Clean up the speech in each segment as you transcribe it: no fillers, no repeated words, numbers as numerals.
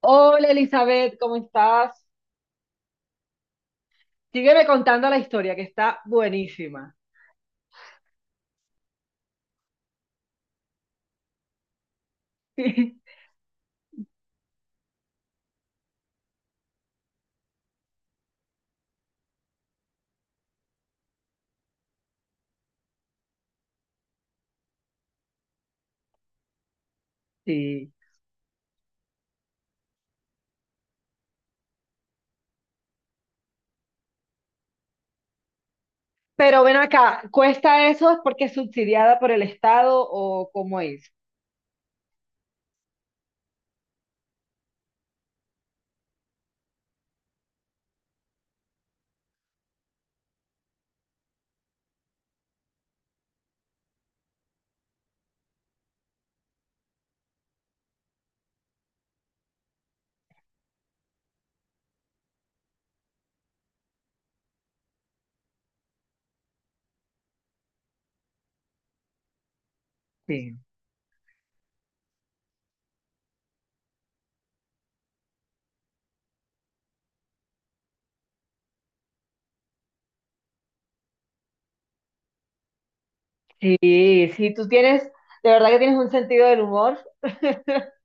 Hola Elizabeth, ¿cómo estás? Sígueme contando la historia que está buenísima. Sí. Pero ven acá, ¿cuesta eso? ¿Es porque es subsidiada por el Estado o cómo es? Sí. Sí, sí, tú tienes, de verdad que tienes un sentido del humor.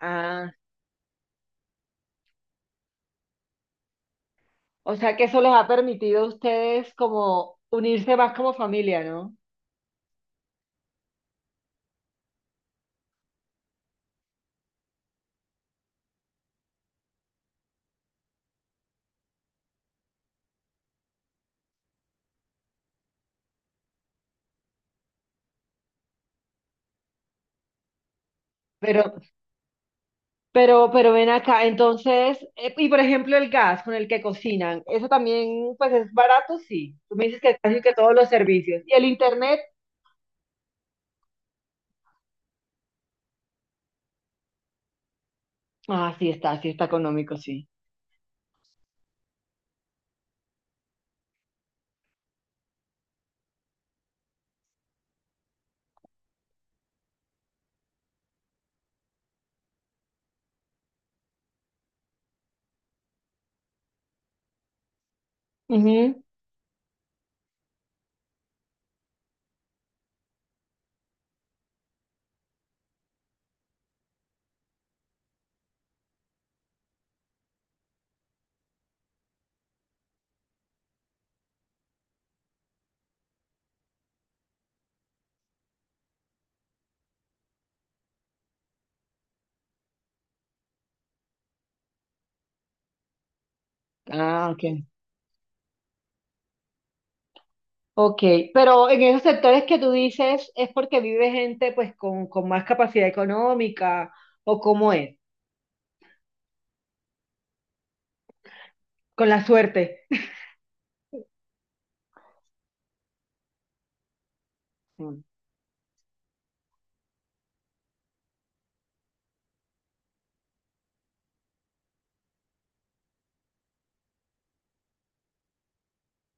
Ah, o sea que eso les ha permitido a ustedes como unirse más como familia, ¿no? Pero pero ven acá, entonces, y por ejemplo el gas con el que cocinan, eso también pues es barato, sí. Tú me dices que casi que todos los servicios. ¿Y el internet? Ah, sí está económico, sí. Ujú. Ah, ok. Ok, pero en esos sectores que tú dices, ¿es porque vive gente pues con más capacidad económica o cómo es? Con la suerte. Mm.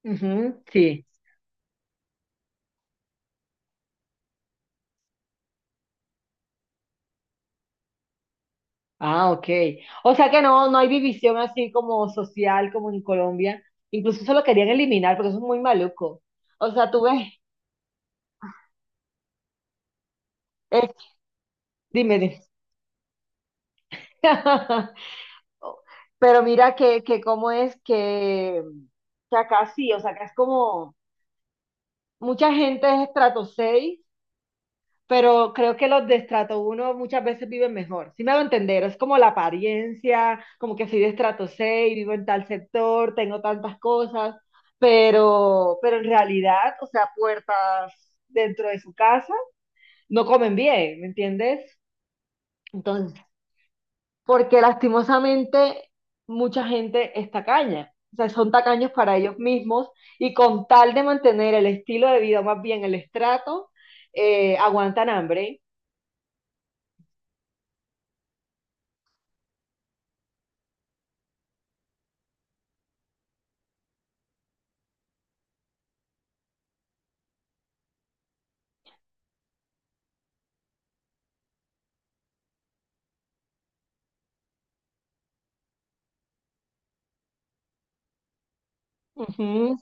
Ujú, sí. Ah, ok. O sea que no, no hay división así como social, como en Colombia. Incluso eso lo querían eliminar porque eso es muy maluco. O sea, tú ves, es- dime, dime. Pero mira que cómo es que acá sí, o sea, acá es como mucha gente es estrato 6, pero creo que los de estrato uno muchas veces viven mejor. Si me hago entender, es como la apariencia, como que soy de estrato seis, vivo en tal sector, tengo tantas cosas, pero en realidad, o sea, puertas dentro de su casa no comen bien, ¿me entiendes? Entonces, porque lastimosamente mucha gente es tacaña. O sea, son tacaños para ellos mismos y con tal de mantener el estilo de vida, más bien el estrato, aguantan hambre. Ujú.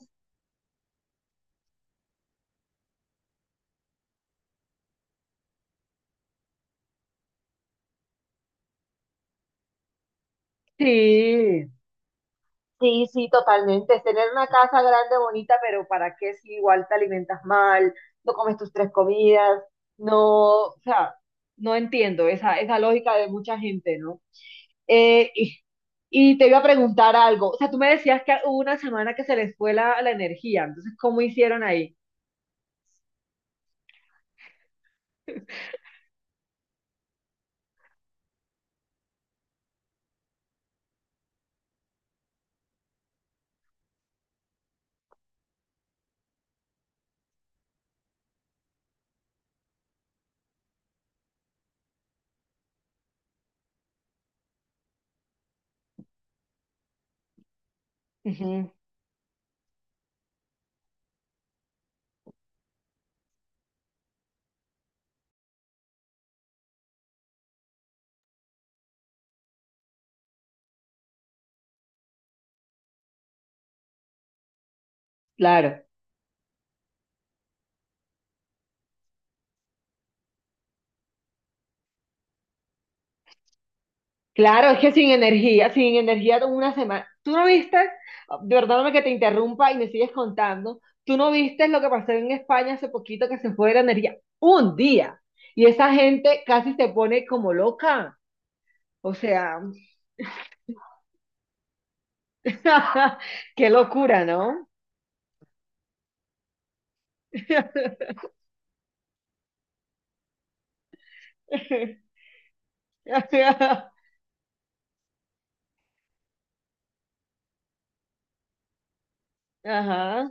Sí, sí, totalmente. Es tener una casa grande, bonita, pero ¿para qué si igual te alimentas mal, no comes tus tres comidas? No, o sea, no entiendo esa, esa lógica de mucha gente, ¿no? Eh, y, y te iba a preguntar algo. O sea, tú me decías que hubo una semana que se les fue la, la energía, entonces, ¿cómo hicieron ahí? Ujú, claro. Claro, es que sin energía, sin energía de una semana. Tú no viste, perdóname que te interrumpa y me sigues contando, tú no viste lo que pasó en España hace poquito que se fue la energía un día y esa gente casi se pone como loca. O sea, qué locura, ¿no? Ajá.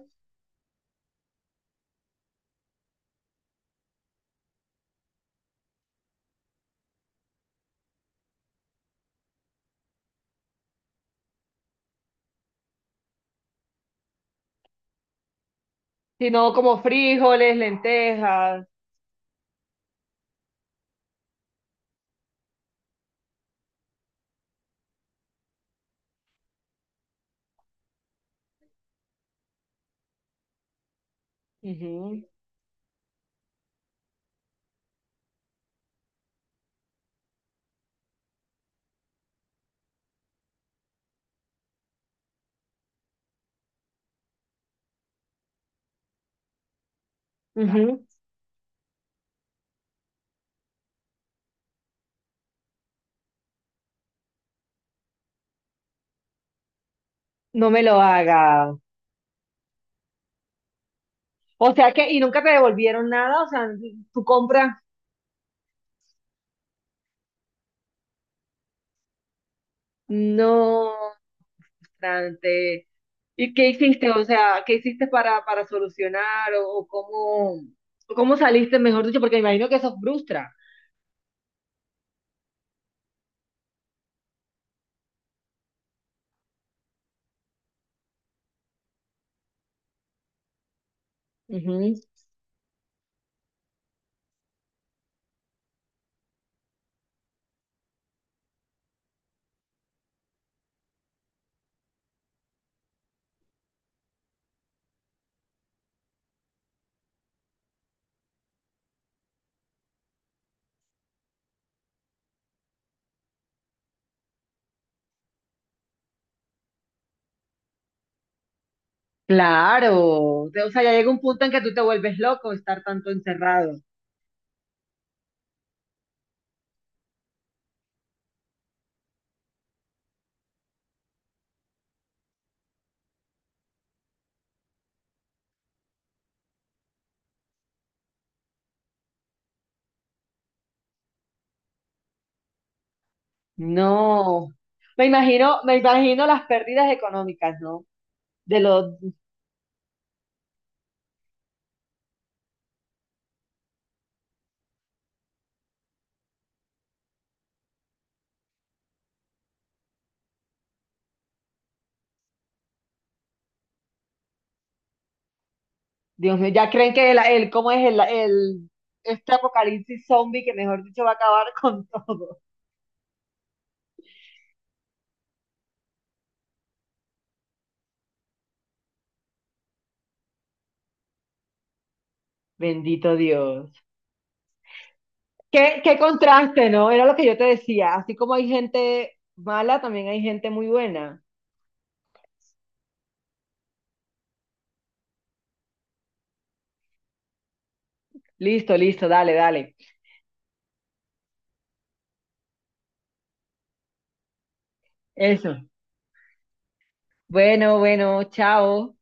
Sino como frijoles, lentejas. Ujú, ujú. No me lo haga. O sea que, y nunca te devolvieron nada, o sea, tu compra. No, frustrante. ¿Y qué hiciste? O sea, ¿qué hiciste para solucionar o cómo saliste, mejor dicho? Porque me imagino que eso frustra. Ujú. Claro. O sea, ya llega un punto en que tú te vuelves loco estar tanto encerrado. No. Me imagino las pérdidas económicas, ¿no? De los, Dios mío, ya creen que el- cómo es el, este apocalipsis zombie que mejor dicho va a acabar con todo. Bendito Dios. Qué, qué contraste, ¿no? Era lo que yo te decía. Así como hay gente mala, también hay gente muy buena. Listo, listo, dale, dale. Eso. Bueno, bueno, chao.